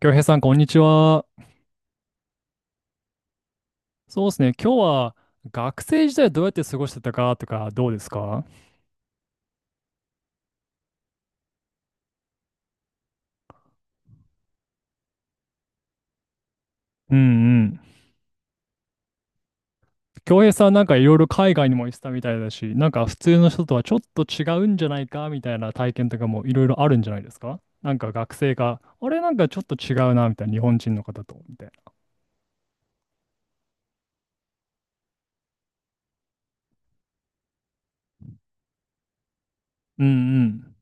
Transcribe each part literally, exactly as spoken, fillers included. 京平さん、こんにちは。そうですね。今日は学生時代どうやって過ごしてたかとかどうですか？うんうん。京平さんなんかいろいろ海外にも行ってたみたいだし、なんか普通の人とはちょっと違うんじゃないかみたいな体験とかもいろいろあるんじゃないですか。なんか学生が、あれなんかちょっと違うなみたいな日本人の方と、みたいな。うんうん。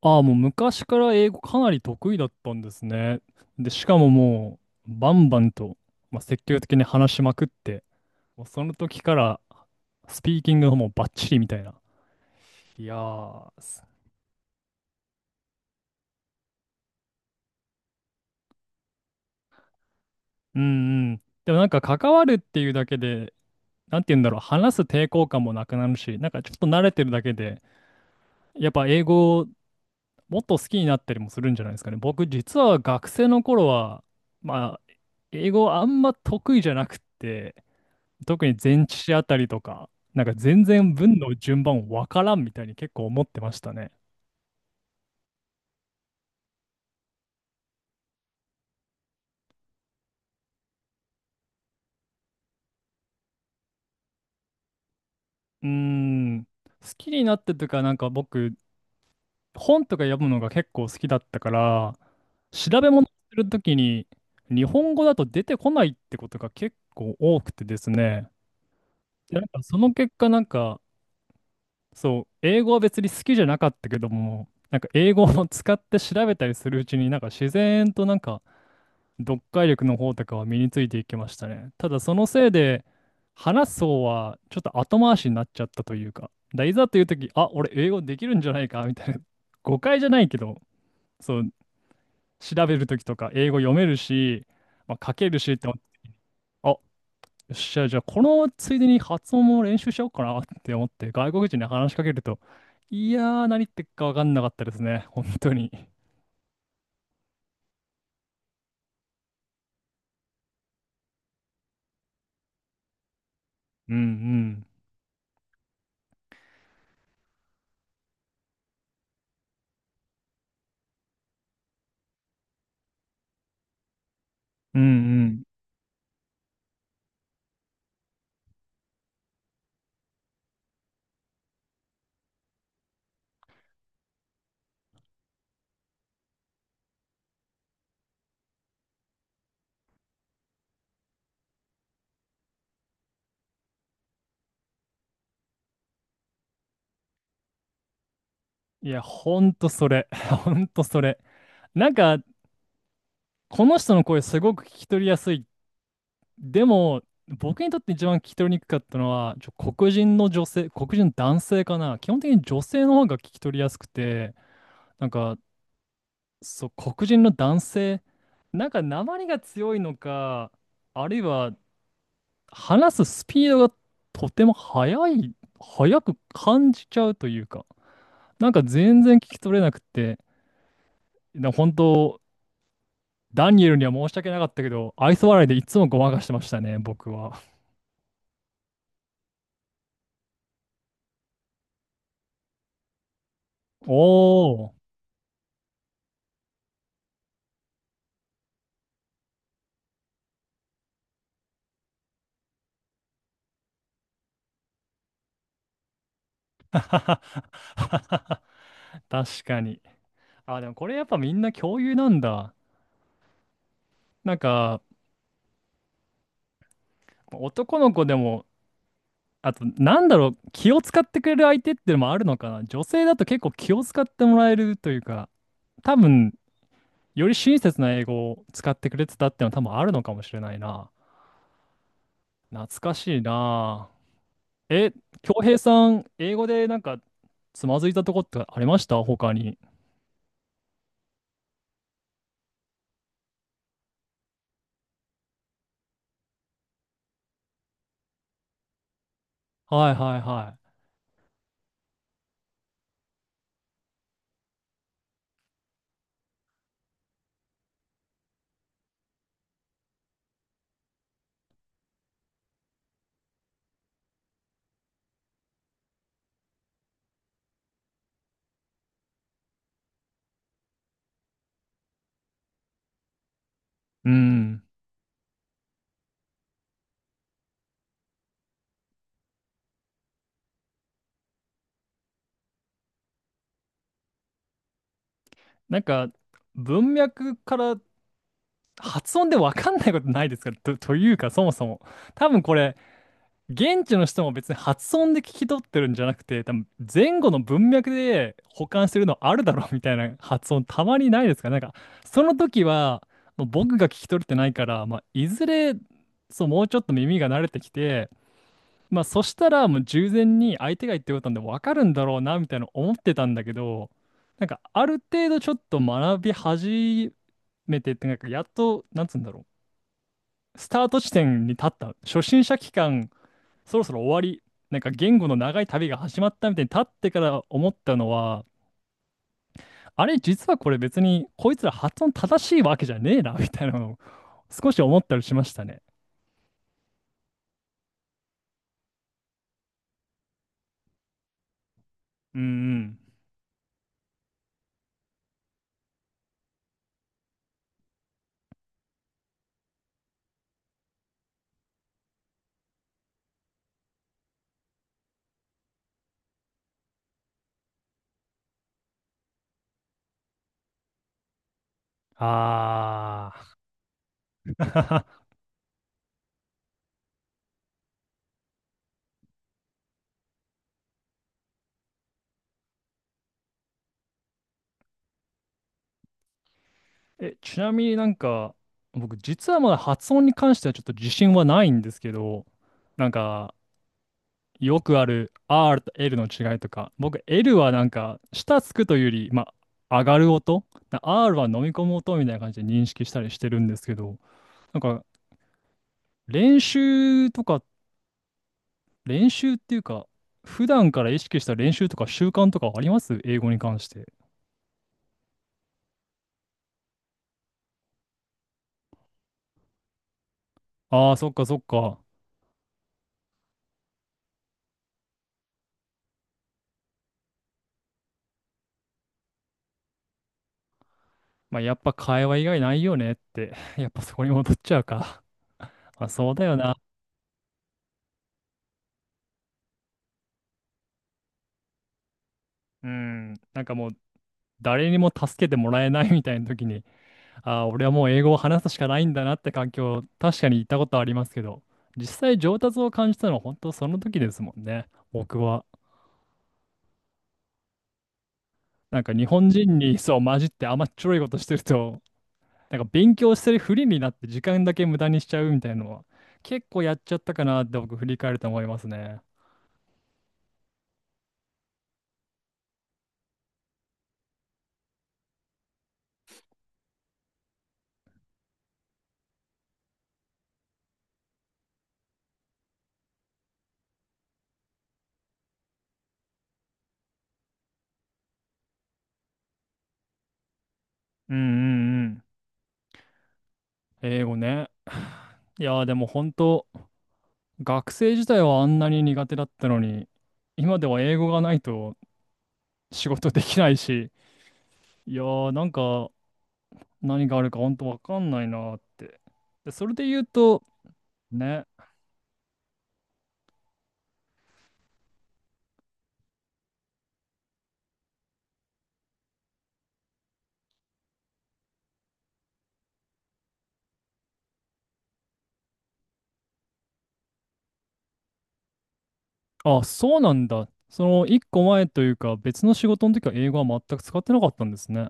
ああ、もう昔から英語かなり得意だったんですね。で、しかももうバンバンと、まあ、積極的に話しまくって、もうその時からスピーキングの方もバッチリみたいな。いやー、すうんうん。でもなんか関わるっていうだけで、なんて言うんだろう、話す抵抗感もなくなるし、なんかちょっと慣れてるだけで、やっぱ英語をもっと好きになったりもするんじゃないですかね。僕実は学生の頃は、まあ、英語あんま得意じゃなくって、特に前置詞あたりとか、なんか全然文の順番わからんみたいに結構思ってましたね。うーん。好きになってというか、なんか僕、本とか読むのが結構好きだったから、調べ物するときに日本語だと出てこないってことが結構多くてですね。でなんかその結果なんか、そう、英語は別に好きじゃなかったけども、なんか英語を使って調べたりするうちになんか自然となんか読解力の方とかは身についていきましたね。ただそのせいで話す方はちょっと後回しになっちゃったというか、だいざというとき、あ、俺英語できるんじゃないかみたいな、誤解じゃないけど、そう、調べるときとか英語読めるし、まあ、書けるしって思って、あ、よっしゃ、じゃあこのついでに発音も練習しようかなって思って、外国人に話しかけると、いやー、何言ってっか分かんなかったですね、本当に。うんうん。うんうん。いや、ほんとそれ。ほんとそれ。なんか、この人の声すごく聞き取りやすい。でも、僕にとって一番聞き取りにくかったのは、ちょ、黒人の女性、黒人の男性かな。基本的に女性の方が聞き取りやすくて、なんか、そう、黒人の男性、なんか訛りが強いのか、あるいは話すスピードがとても速い、速く感じちゃうというか、なんか全然聞き取れなくて、な本当、ダニエルには申し訳なかったけど、愛想笑いでいつもごまかしてましたね、僕は。おー、はははは確かに。あ、でもこれやっぱみんな共有なんだ。なんか、男の子でも、あと、なんだろう、気を使ってくれる相手ってのもあるのかな。女性だと結構気を使ってもらえるというか、多分、より親切な英語を使ってくれてたってのは多分あるのかもしれないな。懐かしいな。え、恭平さん、英語でなんかつまずいたとこってありました他に？はいはいはい。うん。なんか、文脈から発音でわかんないことないですかと、というか、そもそも。多分これ、現地の人も別に発音で聞き取ってるんじゃなくて、多分前後の文脈で保管してるのあるだろうみたいな発音たまにないですかねなんか、その時は、もう僕が聞き取れてないから、まあ、いずれ、そう、もうちょっと耳が慣れてきて、まあ、そしたらもう従前に相手が言ってることなんで分かるんだろうな、みたいな思ってたんだけど、なんか、ある程度ちょっと学び始めてって、なんか、やっと、なんつうんだろう、スタート地点に立った、初心者期間、そろそろ終わり、なんか言語の長い旅が始まったみたいに立ってから思ったのは、あれ、実はこれ別にこいつら発音正しいわけじゃねえな、みたいなのを少し思ったりしましたね。うんうん。ああ。え、ちなみになんか、僕実はまだ発音に関してはちょっと自信はないんですけど、なんか、よくある R と エル の違いとか、僕 L はなんか下つくというより、まあ、上がる音、な R は飲み込む音みたいな感じで認識したりしてるんですけど、なんか練習とか、練習っていうか、普段から意識した練習とか習慣とかあります英語に関して？ああ、そっかそっか。まあ、やっぱ会話以外ないよねって、やっぱそこに戻っちゃうか。まあ、そうだよな。うん。なんかもう誰にも助けてもらえないみたいな時に、ああ、俺はもう英語を話すしかないんだなって環境、確かに行ったことはありますけど、実際上達を感じたのは本当その時ですもんね。僕は。なんか日本人にそう混じって甘っちょろいことしてると、なんか勉強してるふりになって時間だけ無駄にしちゃうみたいなのは、結構やっちゃったかなって僕振り返ると思いますね。うんうんうん。英語ね。いやーでも本当、学生自体はあんなに苦手だったのに、今では英語がないと仕事できないし、いやーなんか何があるか本当わかんないなーって。で、それで言うと、ね、あ、そうなんだ。その一個前というか別の仕事の時は英語は全く使ってなかったんですね。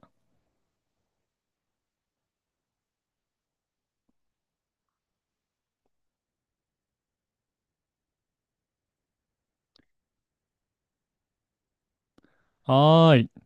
はーい。